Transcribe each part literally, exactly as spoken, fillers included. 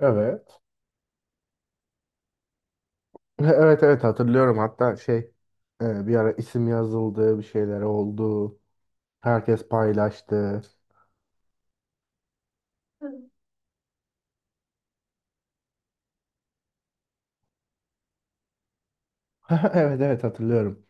Evet. Evet evet hatırlıyorum. Hatta şey e, bir ara isim yazıldı, bir şeyler oldu. Herkes paylaştı. Evet evet hatırlıyorum.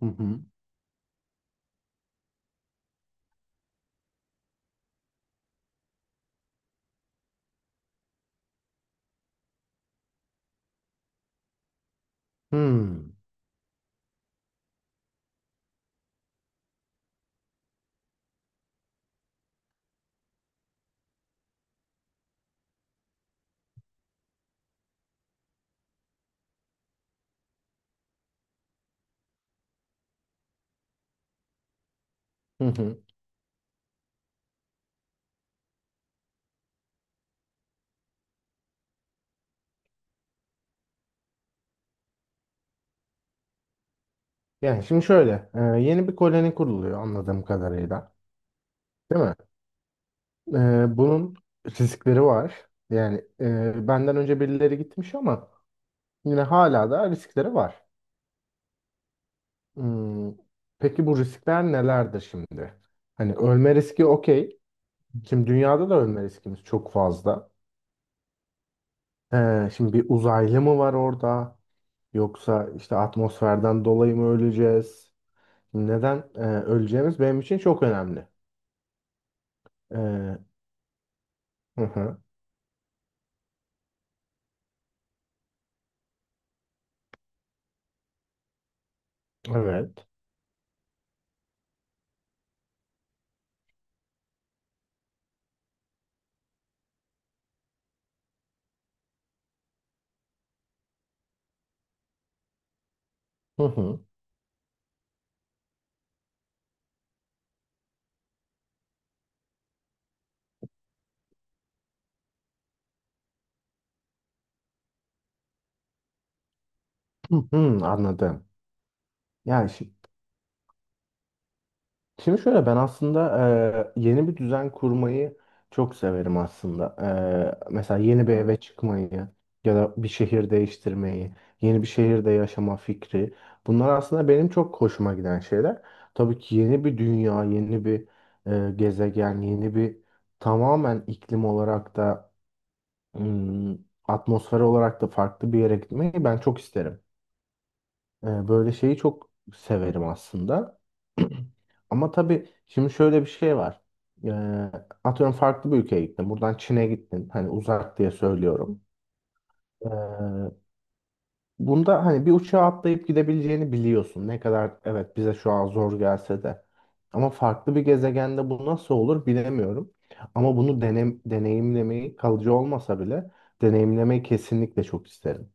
Hı hı. Hmm. Hı hı. Yani şimdi şöyle, e, yeni bir koloni kuruluyor anladığım kadarıyla. Değil mi? E, bunun riskleri var. Yani e, benden önce birileri gitmiş ama yine hala da riskleri var. Hmm. Peki bu riskler nelerdir şimdi? Hani ölme riski okey. Şimdi dünyada da ölme riskimiz çok fazla. E, şimdi bir uzaylı mı var orada? Yoksa işte atmosferden dolayı mı öleceğiz? Neden e, öleceğimiz benim için çok önemli. E, hı hı, evet. Hı hı, hı hı, anladım. Yani şi- Şimdi, şöyle ben aslında e, yeni bir düzen kurmayı çok severim aslında. E, mesela yeni bir eve çıkmayı ya da bir şehir değiştirmeyi, yeni bir şehirde yaşama fikri. Bunlar aslında benim çok hoşuma giden şeyler. Tabii ki yeni bir dünya, yeni bir e, gezegen, yeni bir tamamen iklim olarak da hmm, atmosfer olarak da farklı bir yere gitmeyi ben çok isterim. Ee, böyle şeyi çok severim aslında. Ama tabii şimdi şöyle bir şey var. Ee, Atıyorum farklı bir ülkeye gittin. Buradan Çin'e gittin. Hani uzak diye söylüyorum. Ee, Bunda hani bir uçağa atlayıp gidebileceğini biliyorsun. Ne kadar evet bize şu an zor gelse de. Ama farklı bir gezegende bu nasıl olur bilemiyorum. Ama bunu denem, deneyimlemeyi kalıcı olmasa bile deneyimlemeyi kesinlikle çok isterim.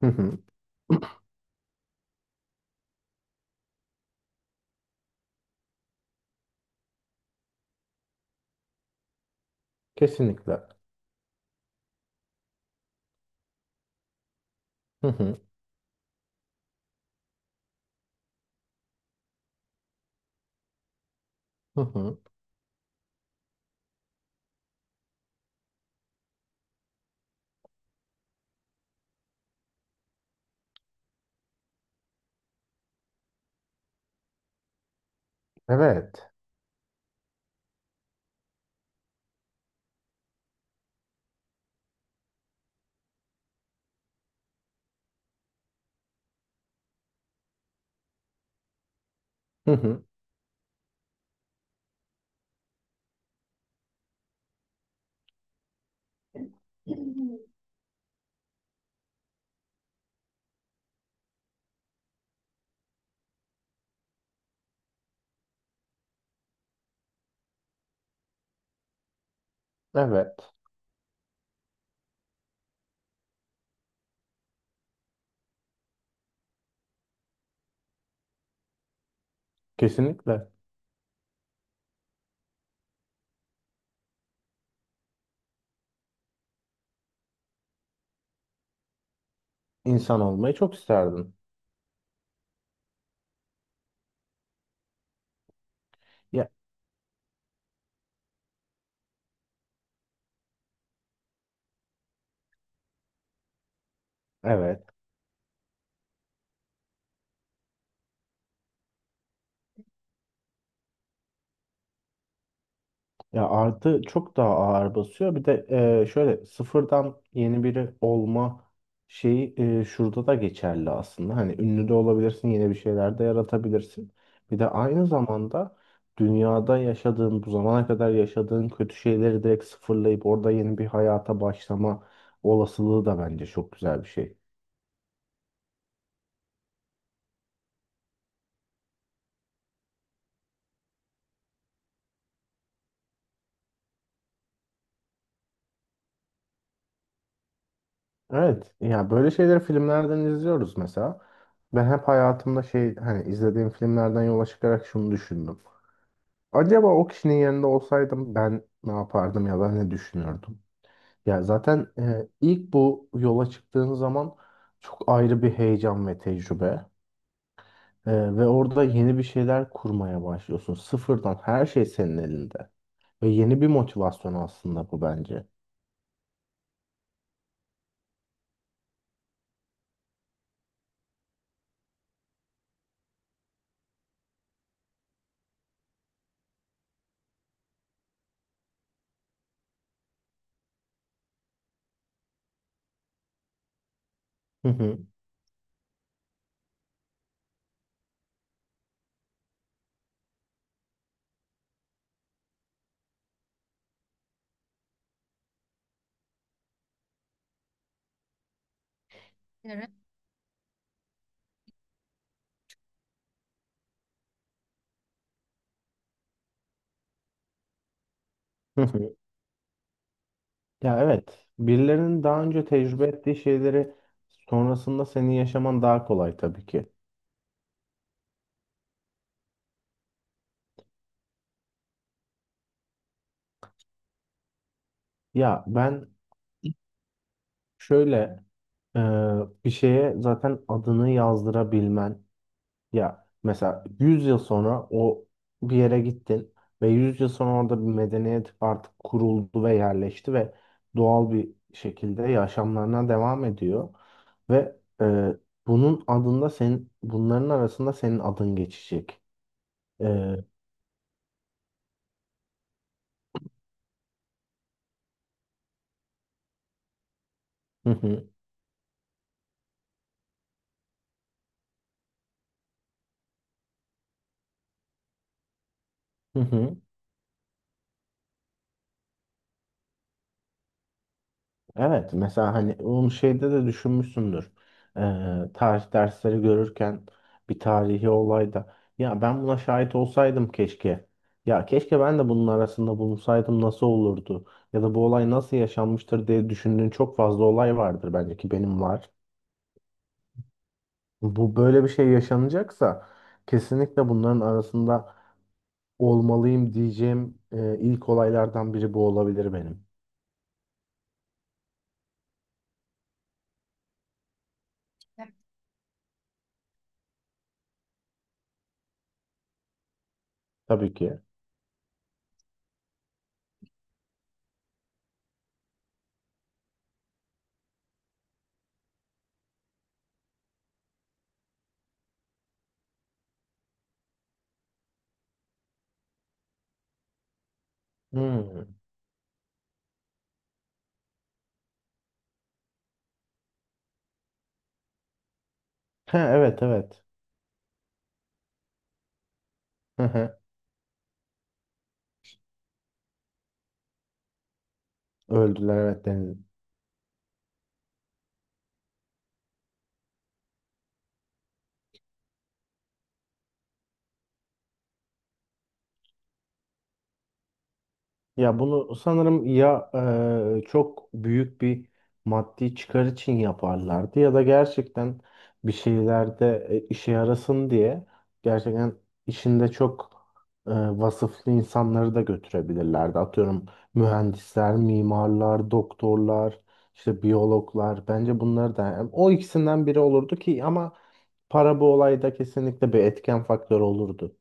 Hı hı. Kesinlikle. Hı hı. Hı hı. Evet. Hı hı. Evet. Kesinlikle. İnsan olmayı çok isterdim. Ya evet. Ya artı çok daha ağır basıyor. Bir de e, şöyle sıfırdan yeni biri olma şeyi e, şurada da geçerli aslında. Hani ünlü de olabilirsin, yeni bir şeyler de yaratabilirsin. Bir de aynı zamanda dünyada yaşadığın, bu zamana kadar yaşadığın kötü şeyleri direkt sıfırlayıp orada yeni bir hayata başlama olasılığı da bence çok güzel bir şey. Evet, ya böyle şeyleri filmlerden izliyoruz mesela. Ben hep hayatımda şey hani izlediğim filmlerden yola çıkarak şunu düşündüm. Acaba o kişinin yerinde olsaydım ben ne yapardım ya da ne düşünürdüm? Ya zaten e, ilk bu yola çıktığın zaman çok ayrı bir heyecan ve tecrübe. E, ve orada yeni bir şeyler kurmaya başlıyorsun. Sıfırdan her şey senin elinde. Ve yeni bir motivasyon aslında bu bence. Hı hı. Evet. Hı hı. Ya evet, birilerinin daha önce tecrübe ettiği şeyleri sonrasında senin yaşaman daha kolay tabii ki. Ya ben şöyle Ee, Bir şeye zaten adını yazdırabilmen ya mesela yüz yıl sonra o bir yere gittin ve yüz yıl sonra orada bir medeniyet artık kuruldu ve yerleşti ve doğal bir şekilde yaşamlarına devam ediyor ve e, bunun adında senin bunların arasında senin adın geçecek. Ee, hı hı, hı hı. Evet mesela hani onu şeyde de düşünmüşsündür. Ee, tarih dersleri görürken bir tarihi olayda ya ben buna şahit olsaydım keşke. Ya keşke ben de bunun arasında bulunsaydım nasıl olurdu? Ya da bu olay nasıl yaşanmıştır diye düşündüğün çok fazla olay vardır bence ki benim var. Bu böyle bir şey yaşanacaksa kesinlikle bunların arasında olmalıyım diyeceğim e, ilk olaylardan biri bu olabilir benim. Tabii ki. Hmm. Ha, evet evet. Öldüler evet denizde. Ya bunu sanırım ya e, çok büyük bir maddi çıkar için yaparlardı ya da gerçekten bir şeylerde e, işe yarasın diye gerçekten işinde çok e, vasıflı insanları da götürebilirlerdi. Atıyorum mühendisler, mimarlar, doktorlar, işte biyologlar bence bunları da yani o ikisinden biri olurdu ki ama para bu olayda kesinlikle bir etken faktörü olurdu.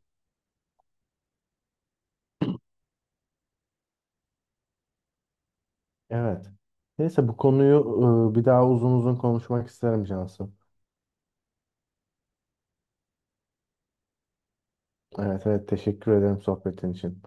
Evet. Neyse bu konuyu e, bir daha uzun uzun konuşmak isterim Cansu. Evet evet teşekkür ederim sohbetin için.